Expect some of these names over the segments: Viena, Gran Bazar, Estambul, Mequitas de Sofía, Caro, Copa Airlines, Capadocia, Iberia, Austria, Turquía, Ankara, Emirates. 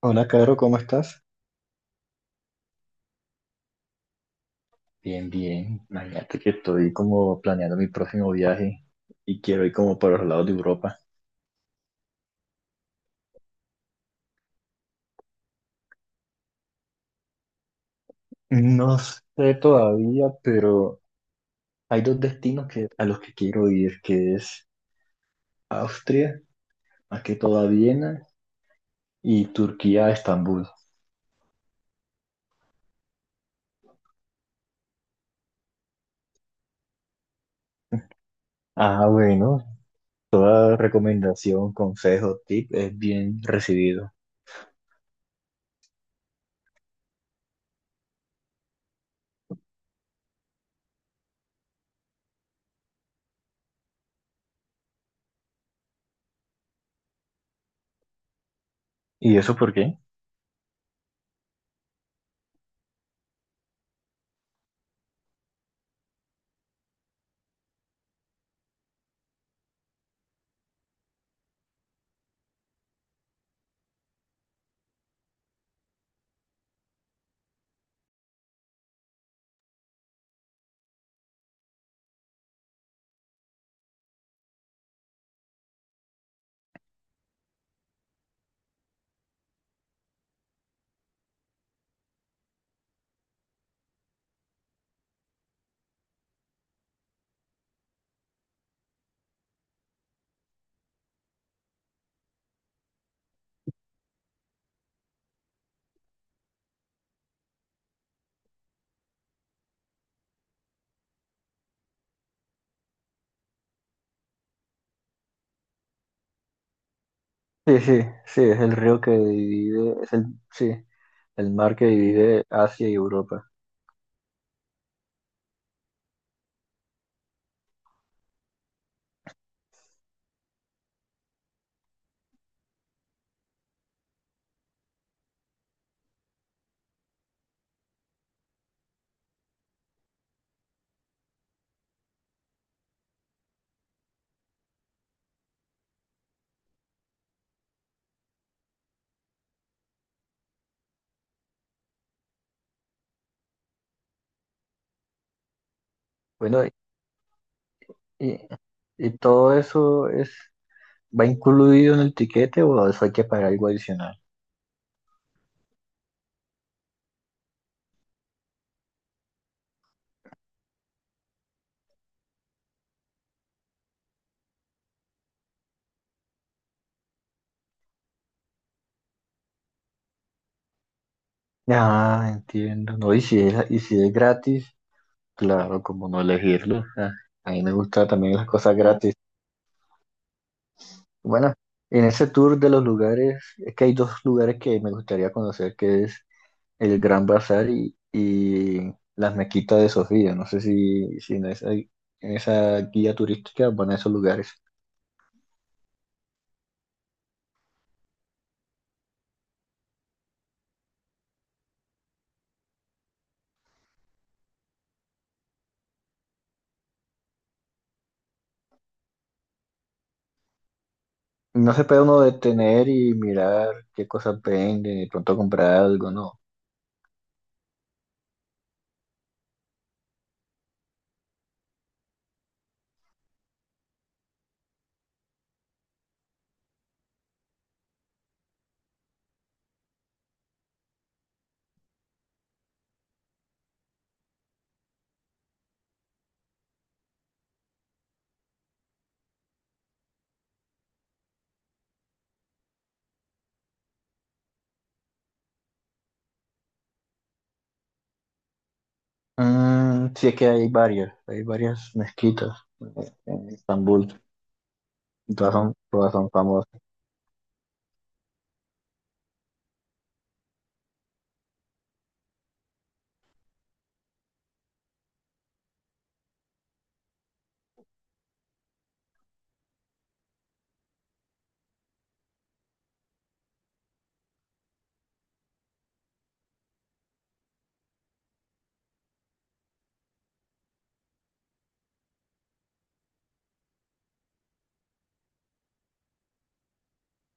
Hola, Caro, ¿cómo estás? Bien, bien. Imagínate que estoy como planeando mi próximo viaje y quiero ir como para los lados de Europa. No sé todavía, pero hay dos destinos que, a los que quiero ir, que es Austria, más que todo a Viena, y Turquía a Estambul. Ah, bueno, toda recomendación, consejo, tip es bien recibido. ¿Y eso por qué? Sí, sí, sí, es el río que divide, es el, sí, el mar que divide Asia y Europa. Bueno, y, y todo eso es, va incluido en el tiquete o eso hay que pagar algo adicional. Ah, entiendo. No, y si es gratis, claro, como no elegirlo. Ah, a mí me gustan también las cosas gratis. Bueno, en ese tour de los lugares, es que hay dos lugares que me gustaría conocer, que es el Gran Bazar y las Mequitas de Sofía. No sé si, si en esa, en esa guía turística van a esos lugares. No se puede uno detener y mirar qué cosas venden y pronto comprar algo, ¿no? Mm, sí es que hay varias mezquitas en Estambul, y todas son famosas.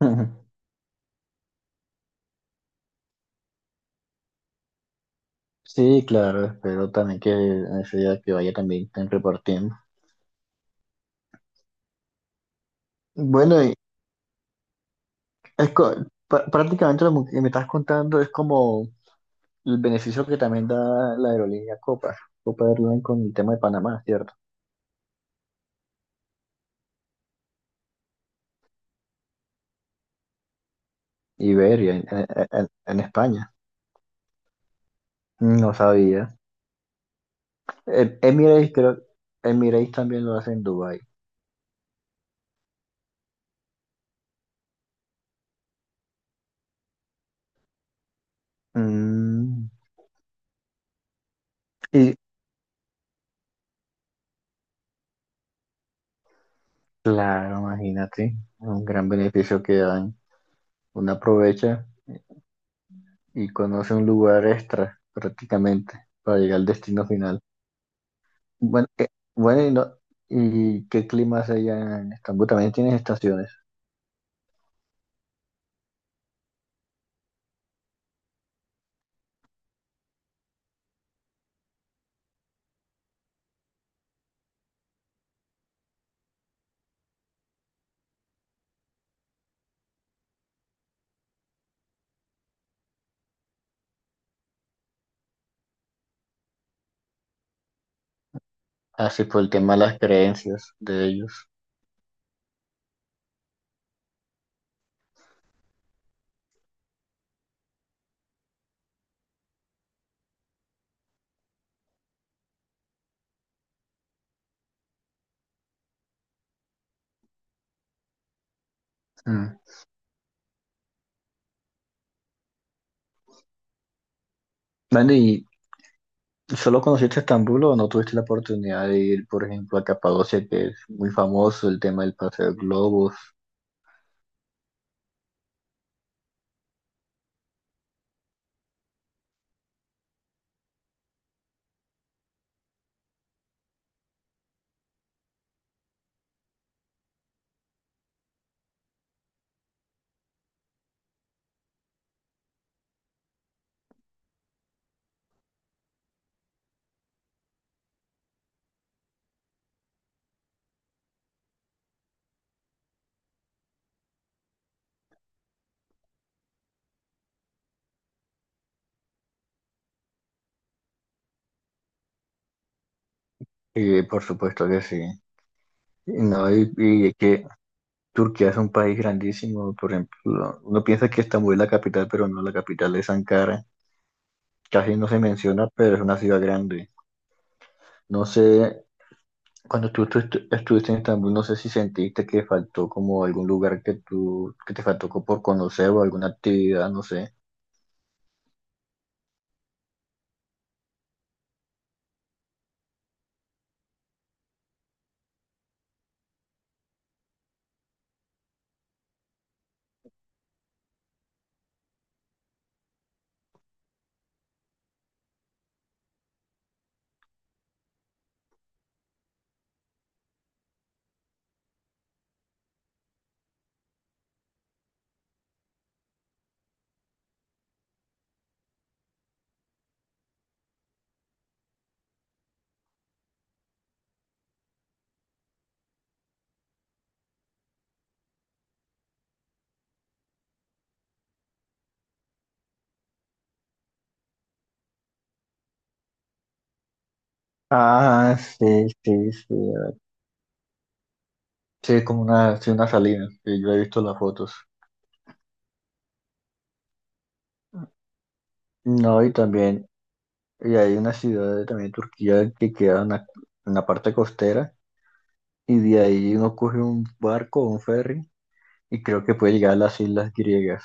Sí, claro, espero también que en ese día que vaya también estén repartiendo. Bueno, y es co- prácticamente lo que me estás contando es como el beneficio que también da la aerolínea Copa, Copa Airlines con el tema de Panamá, ¿cierto? Iberia en, en España. No sabía. Emirates, creo, Emirates también lo hace en Dubái. Mm, y claro, imagínate, un gran beneficio que dan. Uno aprovecha y conoce un lugar extra prácticamente para llegar al destino final. Bueno, bueno, y, no- ¿y qué clima hace allá en Estambul? También tienes estaciones. Así por el tema de las creencias de ellos. Mm. Bueno, y ¿solo conociste Estambul o no tuviste la oportunidad de ir, por ejemplo, a Capadocia, que es muy famoso el tema del paseo de globos? Y por supuesto que sí. No, y es que Turquía es un país grandísimo, por ejemplo, uno piensa que Estambul es la capital, pero no, la capital es Ankara. Casi no se menciona, pero es una ciudad grande. No sé, cuando estuviste en Estambul, no sé si sentiste que faltó como algún lugar que tú, que te faltó por conocer o alguna actividad, no sé. Ah, sí, sí, sí. Sí, es como una, sí, una salina, sí, yo he visto las fotos. No, y también, y hay una ciudad también de Turquía que queda en la parte costera, y de ahí uno coge un barco o un ferry, y creo que puede llegar a las islas griegas.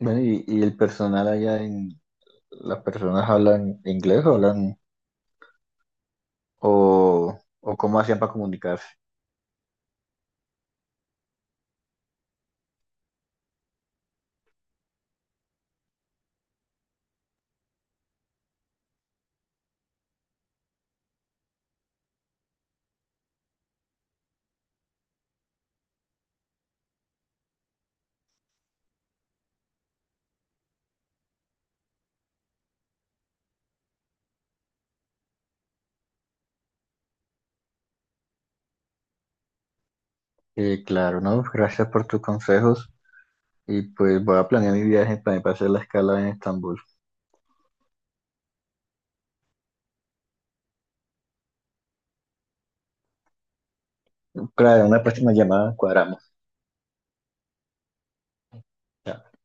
Bueno, y el personal allá en, las personas hablan inglés o hablan, o cómo hacían para comunicarse. Claro, ¿no? Gracias por tus consejos. Y pues voy a planear mi viaje para hacer la escala en Estambul. Claro, en una próxima llamada cuadramos. Chao.